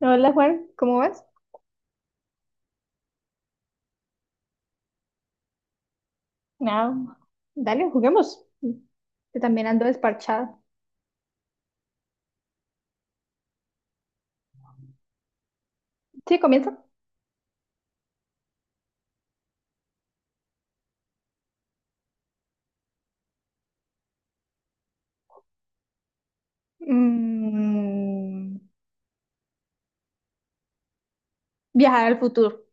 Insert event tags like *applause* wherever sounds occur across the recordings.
Hola Juan, ¿cómo vas? No, dale, juguemos. Yo también ando desparchada. Sí, comienza. Mm, Viajar al futuro.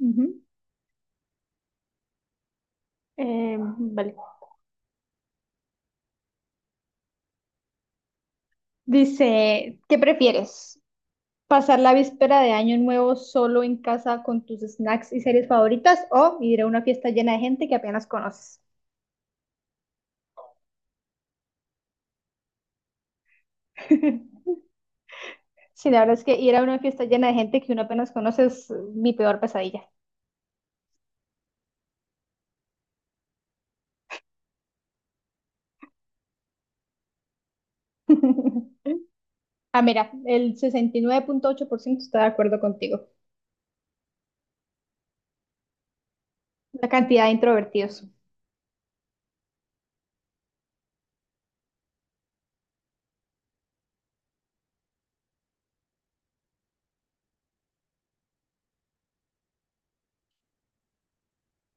Ujú. Vale. Dice, ¿qué prefieres? ¿Pasar la víspera de Año Nuevo solo en casa con tus snacks y series favoritas o ir a una fiesta llena de gente que apenas conoces? *laughs* Sí, la verdad es que ir a una fiesta llena de gente que uno apenas conoce es mi peor pesadilla. *laughs* Ah, mira, el 69.8% está de acuerdo contigo. La cantidad de introvertidos.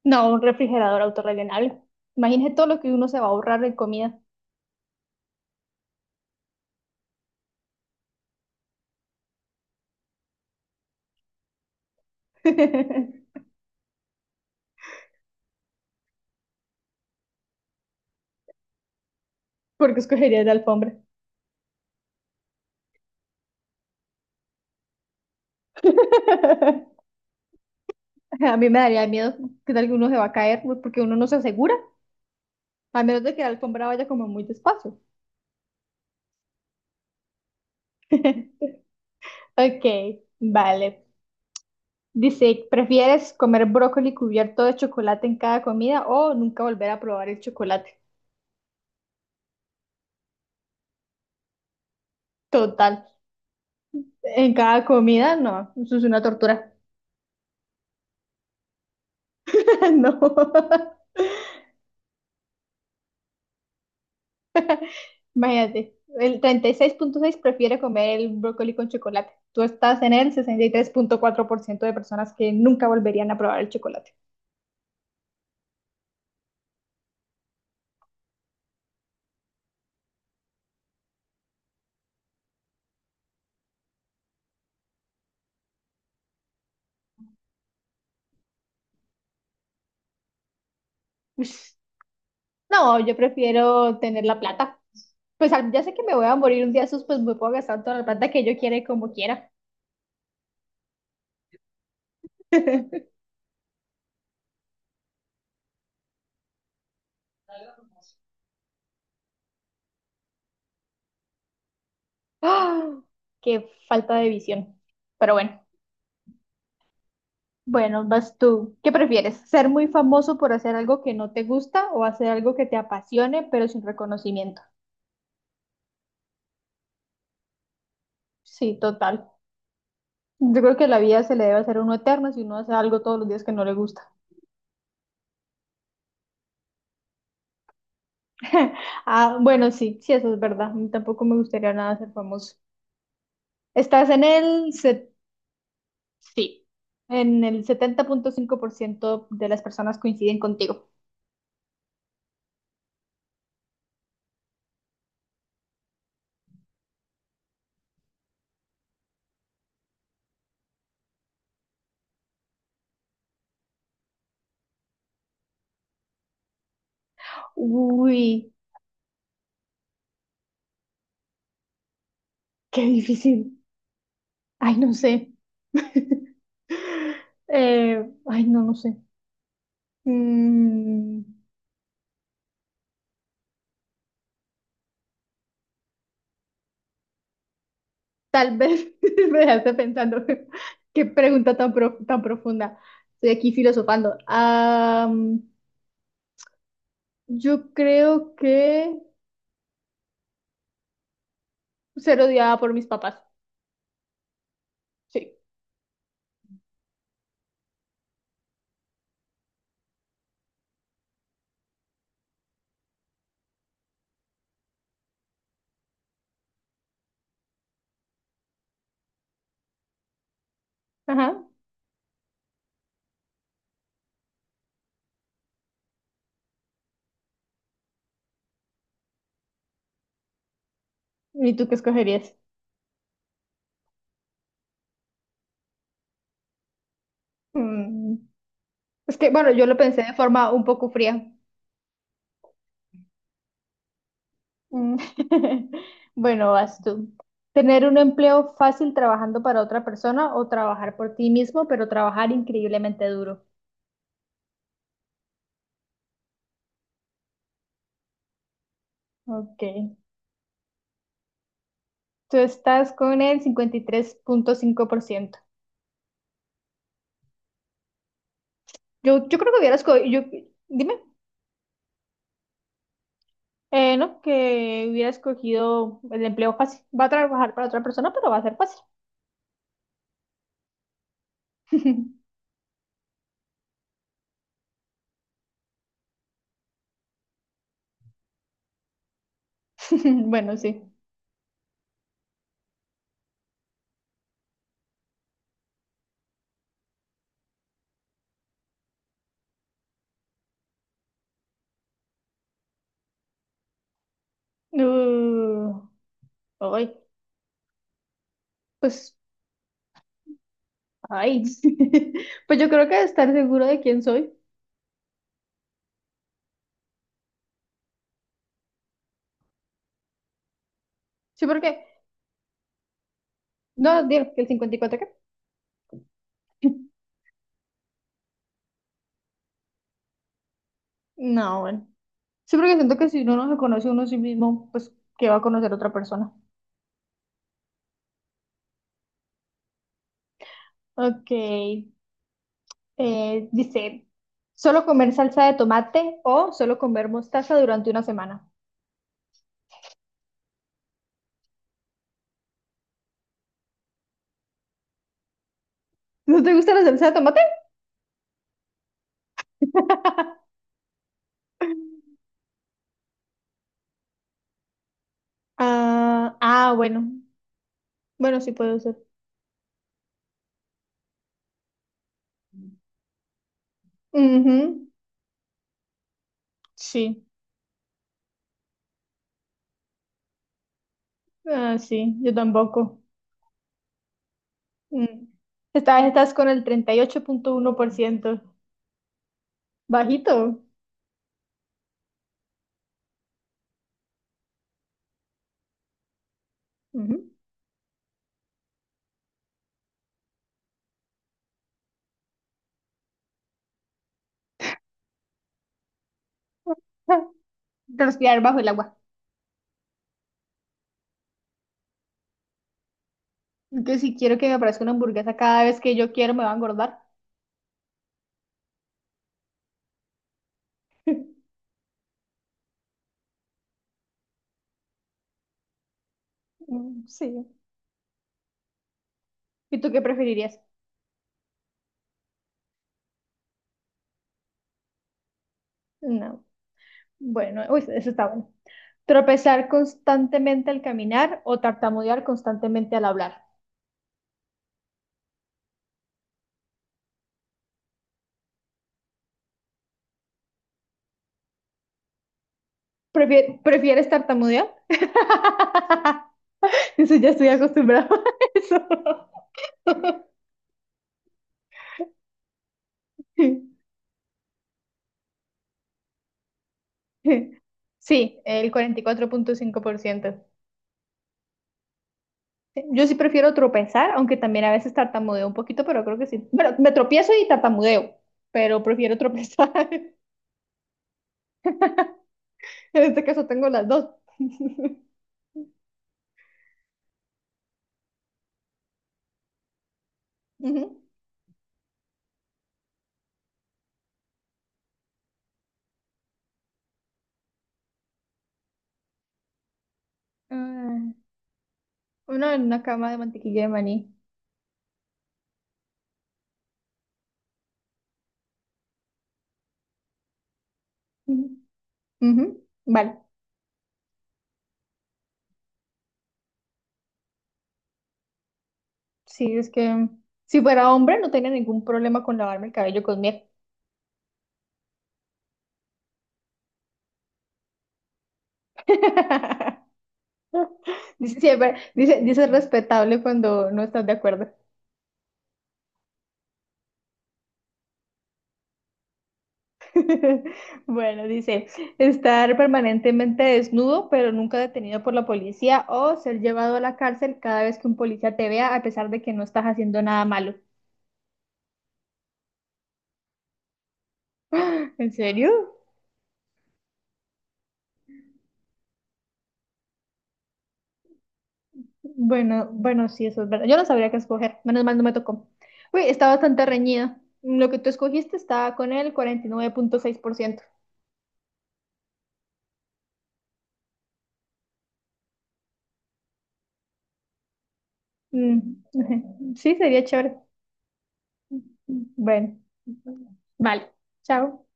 No, un refrigerador autorrellenable. Imagínese todo lo que uno se va a ahorrar en comida. *laughs* Porque escogería la alfombra. *laughs* A mí me daría miedo que tal que uno se va a caer porque uno no se asegura, a menos de que la alfombra vaya como muy despacio. *laughs* Ok, vale. Dice, ¿prefieres comer brócoli cubierto de chocolate en cada comida o nunca volver a probar el chocolate? Total. En cada comida, no, eso es una tortura. *laughs* No, imagínate. El 36.6 prefiere comer el brócoli con chocolate. Tú estás en el 63.4% de personas que nunca volverían a probar el chocolate. Ush. No, yo prefiero tener la plata. Pues ya sé que me voy a morir un día, sus, pues me puedo gastar toda la plata que yo quiera y como quiera. *laughs* ¡Ah! Qué falta de visión. Pero bueno. Bueno, vas tú. ¿Qué prefieres? ¿Ser muy famoso por hacer algo que no te gusta o hacer algo que te apasione pero sin reconocimiento? Sí, total. Yo creo que la vida se le debe hacer a uno eterno si uno hace algo todos los días que no le gusta. *laughs* Ah, bueno, sí, sí, eso es verdad. A mí tampoco me gustaría nada ser famoso. Estás en el, se- Sí, en el 70.5% de las personas coinciden contigo. Uy, qué difícil. Ay, no sé. *laughs* Ay, no, no sé. Mm, Tal vez *laughs* me dejaste pensando. *laughs* Qué pregunta tan, tan profunda. Estoy aquí filosofando. Yo creo que ser odiada por mis papás. Sí. Ajá. ¿Y tú qué escogerías? Mm, es que, bueno, yo lo pensé de forma un poco fría. Mm. *laughs* Bueno, vas tú. ¿Tener un empleo fácil trabajando para otra persona o trabajar por ti mismo, pero trabajar increíblemente duro? Ok. Tú estás con el 53.5%. Yo creo que hubiera escogido, dime, no, que hubiera escogido el empleo fácil. Va a trabajar para otra persona, pero va a ser fácil. *laughs* Bueno, sí. Uh, Ay, pues, ay. *laughs* Pues yo creo que estar seguro de quién soy. Sí, porque, no, digo, que el 54, ¿qué? No, bueno. Sí, porque siento que si uno no se conoce uno a sí mismo, pues, ¿qué va a conocer otra persona? Ok. Dice, ¿solo comer salsa de tomate o solo comer mostaza durante una semana? ¿No te gusta la salsa de tomate? *laughs* Ah, ah, bueno. Bueno, sí puede ser. Ujú, sí, ah, sí, yo tampoco. Mm. Esta vez estás con el 38.1%. Bajito. Ujú. *laughs* Te los tirar bajo el agua. Que si quiero que me aparezca una hamburguesa cada vez que yo quiero, me va a engordar. *laughs* Mm, sí. ¿Y tú qué preferirías? No. Bueno, uy, eso está bueno. Tropezar constantemente al caminar o tartamudear constantemente al hablar. ¿Prefieres tartamudear? *laughs* Eso ya estoy acostumbrado *laughs* a eso. Sí, el 44.5%. Yo sí prefiero tropezar, aunque también a veces tartamudeo un poquito, pero creo que sí. Bueno, me tropiezo y tartamudeo, pero prefiero tropezar. *laughs* En este caso tengo las dos. *laughs* Ujú. Ah, uno en una cama de mantequilla de maní. Ujú, ujú, vale, sí, es que si fuera hombre no tenía ningún problema con lavarme el cabello con miel. *laughs* Dice, dice respetable cuando no estás de acuerdo. *laughs* Bueno, dice, estar permanentemente desnudo, pero nunca detenido por la policía, o ser llevado a la cárcel cada vez que un policía te vea, a pesar de que no estás haciendo nada malo. ¿En serio? Bueno, bueno, sí, eso es verdad. Yo no sabría qué escoger. Menos mal no me tocó. Uy, está bastante reñida. Lo que tú escogiste está con el 49.6%. Mm, *laughs* ujú. Sí, sería chévere. Bueno, vale. Chao.